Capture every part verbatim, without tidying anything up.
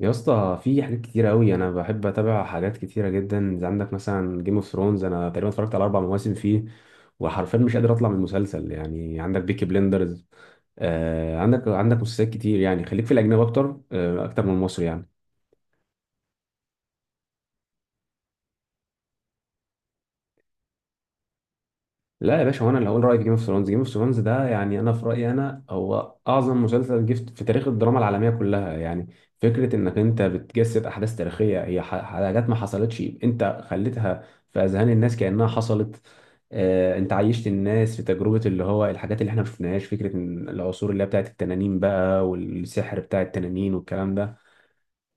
يا اسطى، في حاجات كتيرة قوي. انا بحب اتابع حاجات كتيرة جدا، زي عندك مثلا جيم اوف ثرونز، انا تقريبا اتفرجت على اربع مواسم فيه، وحرفيا مش قادر اطلع من المسلسل. يعني عندك بيكي بلندرز. آه عندك عندك مسلسلات كتير، يعني خليك في الاجنبي اكتر، آه اكتر من المصري يعني. لا يا باشا، هو انا اللي هقول رايي في جيم اوف ثرونز جيم اوف ثرونز ده يعني، انا في رايي انا هو اعظم مسلسل جه في في تاريخ الدراما العالميه كلها يعني. فكره انك انت بتجسد احداث تاريخيه، هي ح- حاجات ما حصلتش انت خليتها في اذهان الناس كانها حصلت. آه، انت عيشت الناس في تجربه، اللي هو الحاجات اللي احنا ما شفناهاش، فكره إن العصور اللي هي بتاعت التنانين بقى، والسحر بتاع التنانين والكلام ده.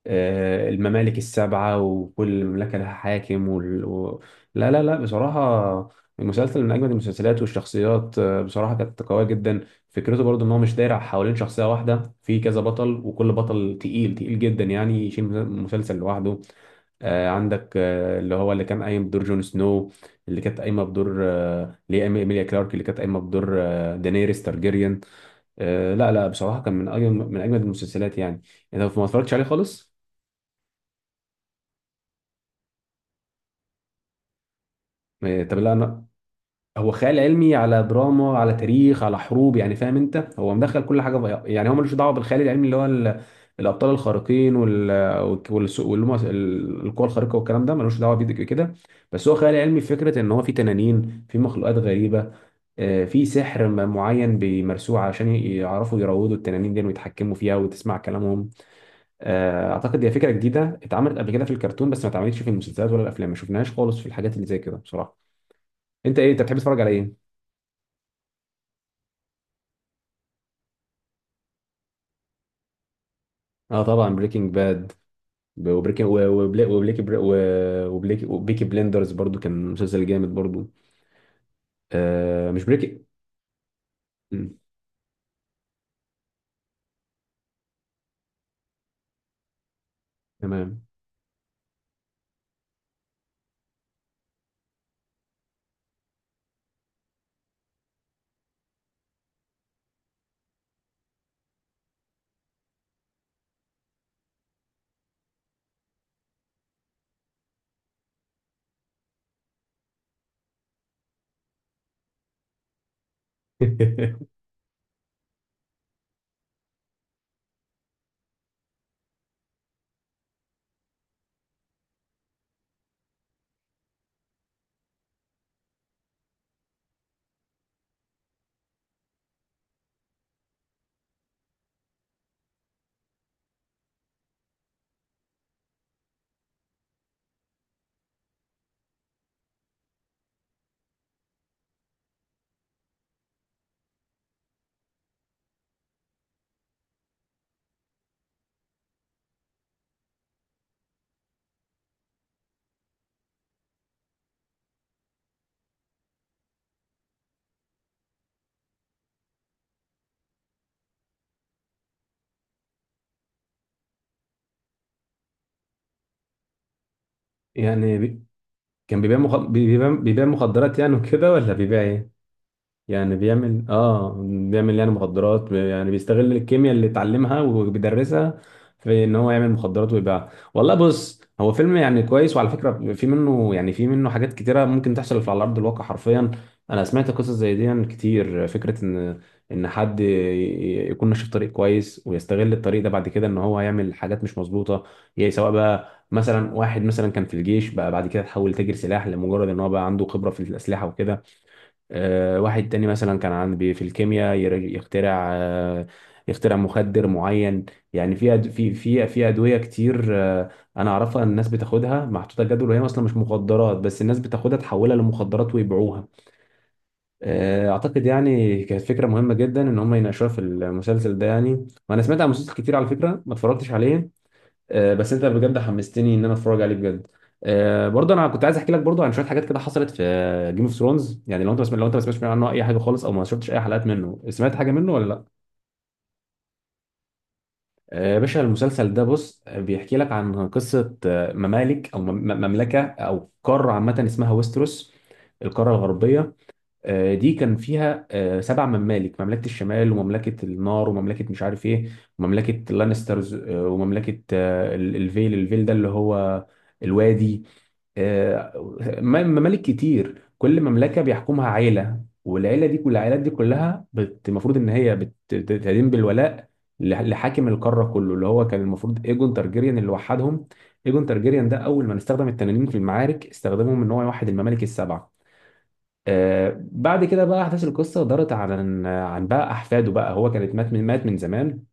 آه، الممالك السبعة وكل مملكة لها حاكم وال... و... لا لا لا، بصراحة المسلسل من أجمد المسلسلات. والشخصيات آه، بصراحة كانت قوية جدا. فكرته برضو إن هو مش داير حوالين شخصية واحدة، في كذا بطل وكل بطل تقيل تقيل جدا يعني، يشيل مسلسل لوحده. آه، عندك آه، اللي هو اللي كان قايم بدور جون سنو، اللي كانت قايمه بدور آه، اللي هي إيمي- إيميليا كلارك، اللي كانت قايمه بدور آه، دانيريس تارجيريان. آه، لا لا، بصراحه كان من اجمل من اجمد المسلسلات يعني. انت ما اتفرجتش عليه خالص؟ إيه، طب لا انا. هو خيال علمي على دراما على تاريخ على حروب، يعني فاهم انت، هو مدخل كل حاجه بقى. يعني هو ملوش دعوه بالخيال العلمي اللي هو ال- الابطال الخارقين وال والس- واللي هم ال- القوى الخارقه والكلام ده، ملوش دعوه بيه كده. بس هو خيال علمي في فكره ان هو في تنانين، في مخلوقات غريبه. آه، في سحر م- معين بيمارسوه عشان ي- يعرفوا يروضوا التنانين دي ويتحكموا فيها وتسمع كلامهم. آه، اعتقد هي فكره جديده اتعملت قبل كده في الكرتون، بس ما اتعملتش في المسلسلات ولا الافلام، ما شفناهاش خالص في الحاجات اللي زي كده بصراحه. انت ايه انت بتحب تتفرج على ايه؟ اه طبعا بريكنج باد، وبريكنج وبليكي بر- و- وبليكي وبيكي بلندرز برضو كان مسلسل جامد برضو. آه مش بريكي. مم. تمام. يعني بي... كان بيبيع مخ... بيبيع بيبيع مخدرات يعني وكده، ولا بيبيع ايه؟ يعني بيعمل اه بيعمل يعني مخدرات، بي- يعني بيستغل الكيمياء اللي اتعلمها وبيدرسها في ان هو يعمل مخدرات ويبيعها. والله بص هو فيلم يعني كويس، وعلى فكرة في منه، يعني في منه حاجات كتيرة ممكن تحصل في على ارض الواقع حرفيا. انا سمعت قصص زي دي يعني كتير، فكرة ان ان حد ي- ي- يكون ماشي في طريق كويس ويستغل الطريق ده بعد كده ان هو يعمل حاجات مش مظبوطة. يعني سواء بقى مثلا واحد مثلا كان في الجيش بقى، بعد كده تحول تاجر سلاح لمجرد ان هو بقى عنده خبرة في الأسلحة وكده. آه، واحد تاني مثلا كان عن بي- في الكيمياء، ير- يخترع آه، يخترع مخدر معين. يعني في أد- في في في ادويه كتير آه، انا اعرفها ان الناس بتاخدها محطوطه جدول، وهي اصلا مش مخدرات، بس الناس بتاخدها تحولها لمخدرات ويبيعوها. آه، اعتقد يعني كانت فكره مهمه جدا ان هم يناقشوها في المسلسل ده يعني. وانا سمعت عن مسلسل كتير على فكره ما اتفرجتش عليه. آه، بس انت بجد حمستني ان انا اتفرج عليه بجد. آه، برضه انا كنت عايز احكي لك برضه عن شويه حاجات كده حصلت في جيم اوف ثرونز. يعني لو انت بسم... لو انت ما سمعتش عنه اي حاجه خالص، او ما شفتش اي حلقات منه، سمعت حاجه منه ولا لا؟ آه، يا باشا المسلسل ده بص، آه، بيحكي لك عن قصه آه، ممالك او مم- مملكه، او قاره عامه اسمها ويستروس، القاره الغربيه. آه، دي كان فيها آه، سبع ممالك، مملكة الشمال ومملكة النار ومملكة مش عارف ايه، ومملكة اللانسترز آه، ومملكة آه، ال- الفيل الفيل ده اللي هو الوادي. آه، م- ممالك كتير، كل مملكة بيحكمها عيلة، والعيلة دي، كل العائلات دي كلها بت- المفروض ان هي بت- بتدين بالولاء لح- لحاكم القارة كله، اللي هو كان المفروض ايجون تارجيريان اللي وحدهم. ايجون تارجيريان ده اول ما استخدم التنانين في المعارك، استخدمهم ان هو يوحد الممالك السبعة. آه، بعد كده بقى احداث القصه دارت عن عن بقى احفاده بقى، هو كانت مات من مات من زمان.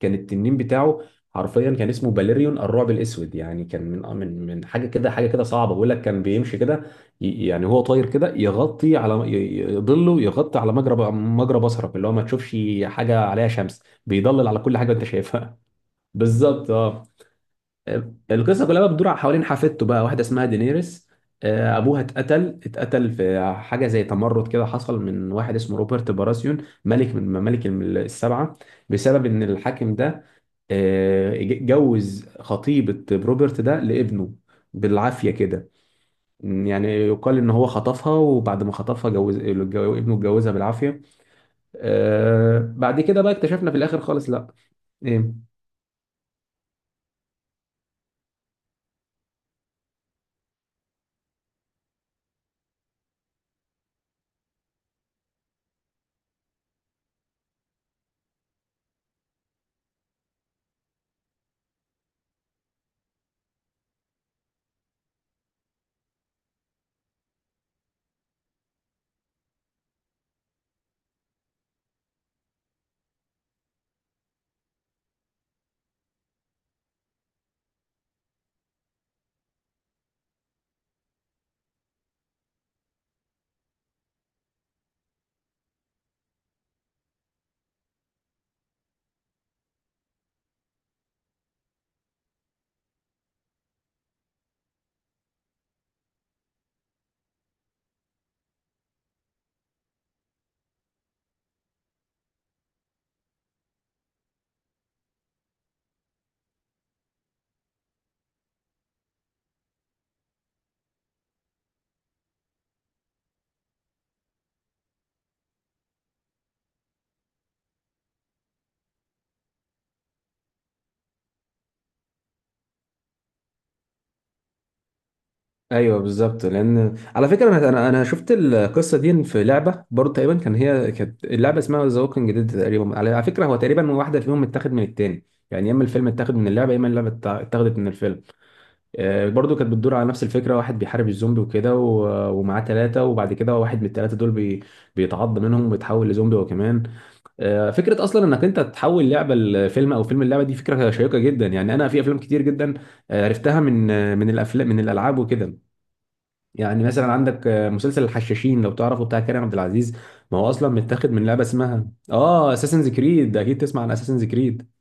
كان التنين بتاعه حرفيا كان اسمه باليريون الرعب الاسود. يعني كان من آه، من من حاجه كده، حاجه كده صعبه، بقول لك كان بيمشي كده. ي- يعني هو طاير كده، يغطي على ي- ي- ظله، يغطي على مجرى ب- مجرى بصرك، اللي هو ما تشوفش حاجه عليها شمس، بيضلل على كل حاجه انت شايفها. بالظبط اه. القصه كلها بقى بتدور حوالين حفيدته بقى، واحده اسمها دينيريس. آه، ابوها اتقتل اتقتل في حاجه زي تمرد كده، حصل من واحد اسمه روبرت باراسيون، ملك من ممالك السبعه، بسبب ان الحاكم ده آه، جوز خطيبه روبرت ده لابنه بالعافيه كده. يعني يقال ان هو خطفها، وبعد ما خطفها جوز ابنه، اتجوزها بالعافيه. آه، بعد كده بقى اكتشفنا في الاخر خالص لا. ايه؟ ايوه بالظبط لان على فكره انا انا أنا شفت القصه دي في لعبه برضه تقريبا. كان هي كانت اللعبه اسمها ذا ووكينج ديد تقريبا، على على فكره هو تقريبا واحده فيهم متاخد من التاني. يعني يا اما الفيلم اتاخد من اللعبه، يا اما اللعبه اتع- اتاخدت من الفيلم. آه، برضه كانت بتدور على نفس الفكره، واحد بيحارب الزومبي وكده، و- ومعاه ثلاثه، وبعد كده واحد من الثلاثه دول بي بيتعض منهم وبيتحول لزومبي هو كمان. آه، فكره اصلا انك انت تحول لعبه لفيلم او فيلم اللعبه، دي فكره شيقه جدا. يعني انا في افلام كتير جدا آه، عرفتها من آه، من الافلام من الالعاب وكده. يعني مثلا عندك آه، مسلسل الحشاشين، لو تعرفه، بتاع كريم عبد العزيز. ما هو اصلا متاخد من لعبه اسمها اه اساسنز كريد، اكيد تسمع عن اساسنز كريد.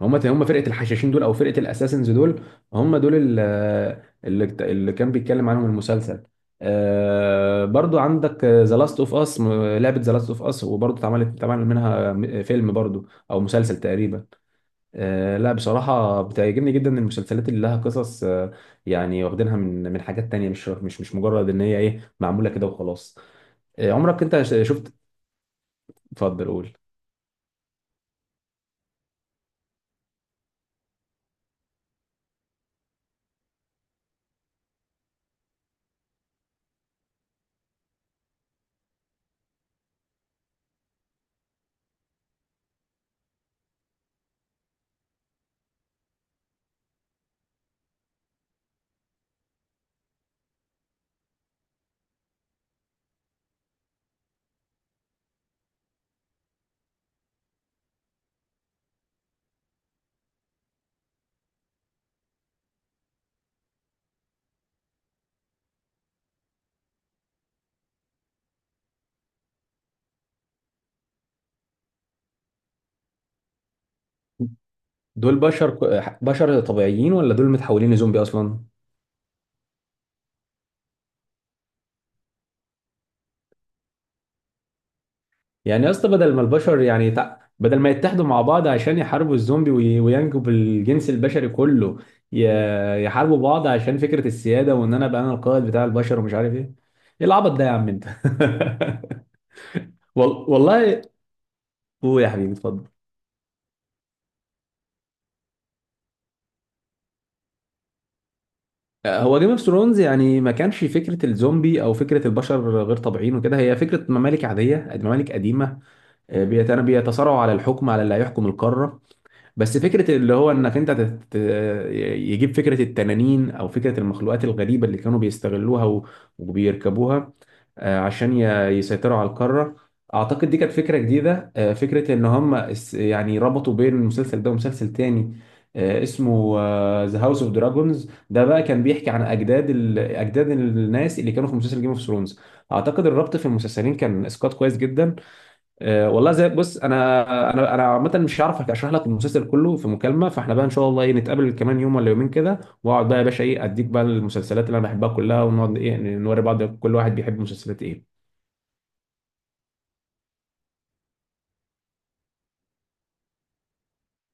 هم هم فرقه الحشاشين دول، او فرقه الاساسنز دول، هم دول ال- آه، اللي اللي كان بيتكلم عنهم المسلسل. آه برضو عندك ذا لاست اوف اس، لعبه ذا لاست اوف اس، وبرضو اتعملت اتعمل منها آه، م- فيلم برضو او مسلسل تقريبا. آه، لا بصراحة بتعجبني جدا المسلسلات اللي لها قصص آه، يعني واخدينها من من حاجات تانية، مش مش مش مجرد ان هي ايه معمولة كده وخلاص. آه، عمرك انت ش- شفت؟ اتفضل قول. دول بشر ك- آه، بشر طبيعيين، ولا دول متحولين لزومبي اصلا؟ يعني يا اسطى، بدل ما البشر يعني تع- بدل ما يتحدوا مع بعض عشان يحاربوا الزومبي وي- وينجوا بالجنس البشري كله، ي- يحاربوا بعض عشان فكرة السيادة، وان انا ابقى انا القائد بتاع البشر ومش عارف ايه. ايه العبط ده يا عم انت؟ وال- والله، قول يا حبيبي اتفضل. آه، هو جيم اوف ثرونز يعني ما كانش فكره الزومبي او فكره البشر غير طبيعيين وكده، هي فكره ممالك عاديه، ممالك قديمه آه، بيت- يعني بيتصارعوا على الحكم، على اللي هيحكم القاره. بس فكرة اللي هو انك انت تت... يجيب فكرة التنانين، او فكرة المخلوقات الغريبة اللي كانوا بيستغلوها و... وبيركبوها آه، عشان ي... يسيطروا على القارة. اعتقد دي كانت فكرة جديدة آه، فكرة ان هم اس- يعني ربطوا بين المسلسل ده ومسلسل تاني آه، اسمه ذا هاوس اوف دراجونز. ده بقى كان بيحكي عن اجداد ال... اجداد الناس اللي كانوا في مسلسل جيم اوف ثرونز. اعتقد الربط في المسلسلين كان اسقاط كويس جدا. آه، والله زي بص، انا انا انا عامه مش هعرف اشرح لك المسلسل كله في مكالمه، فاحنا بقى ان شاء الله ايه نتقابل كمان يوم ولا يومين كده، واقعد بقى يا باشا ايه اديك بقى المسلسلات اللي انا بحبها كلها، ونقعد ايه نوري بعض كل واحد بيحب مسلسلات ايه.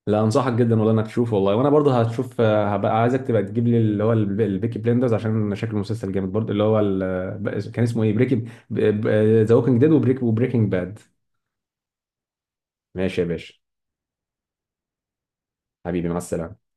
لا انصحك جدا والله انك تشوف، والله وانا برضه هتشوف. آه، هبقى عايزك تبقى تجيب لي اللي هو الب- البيكي بلندرز، عشان شكل المسلسل جامد برضه. اللي هو ال- بقى- كان اسمه ايه بريكنج؟ ذا ووكينج ديد وبريك وبريكنج باد. ماشي يا باشا، حبيبي مع السلامه.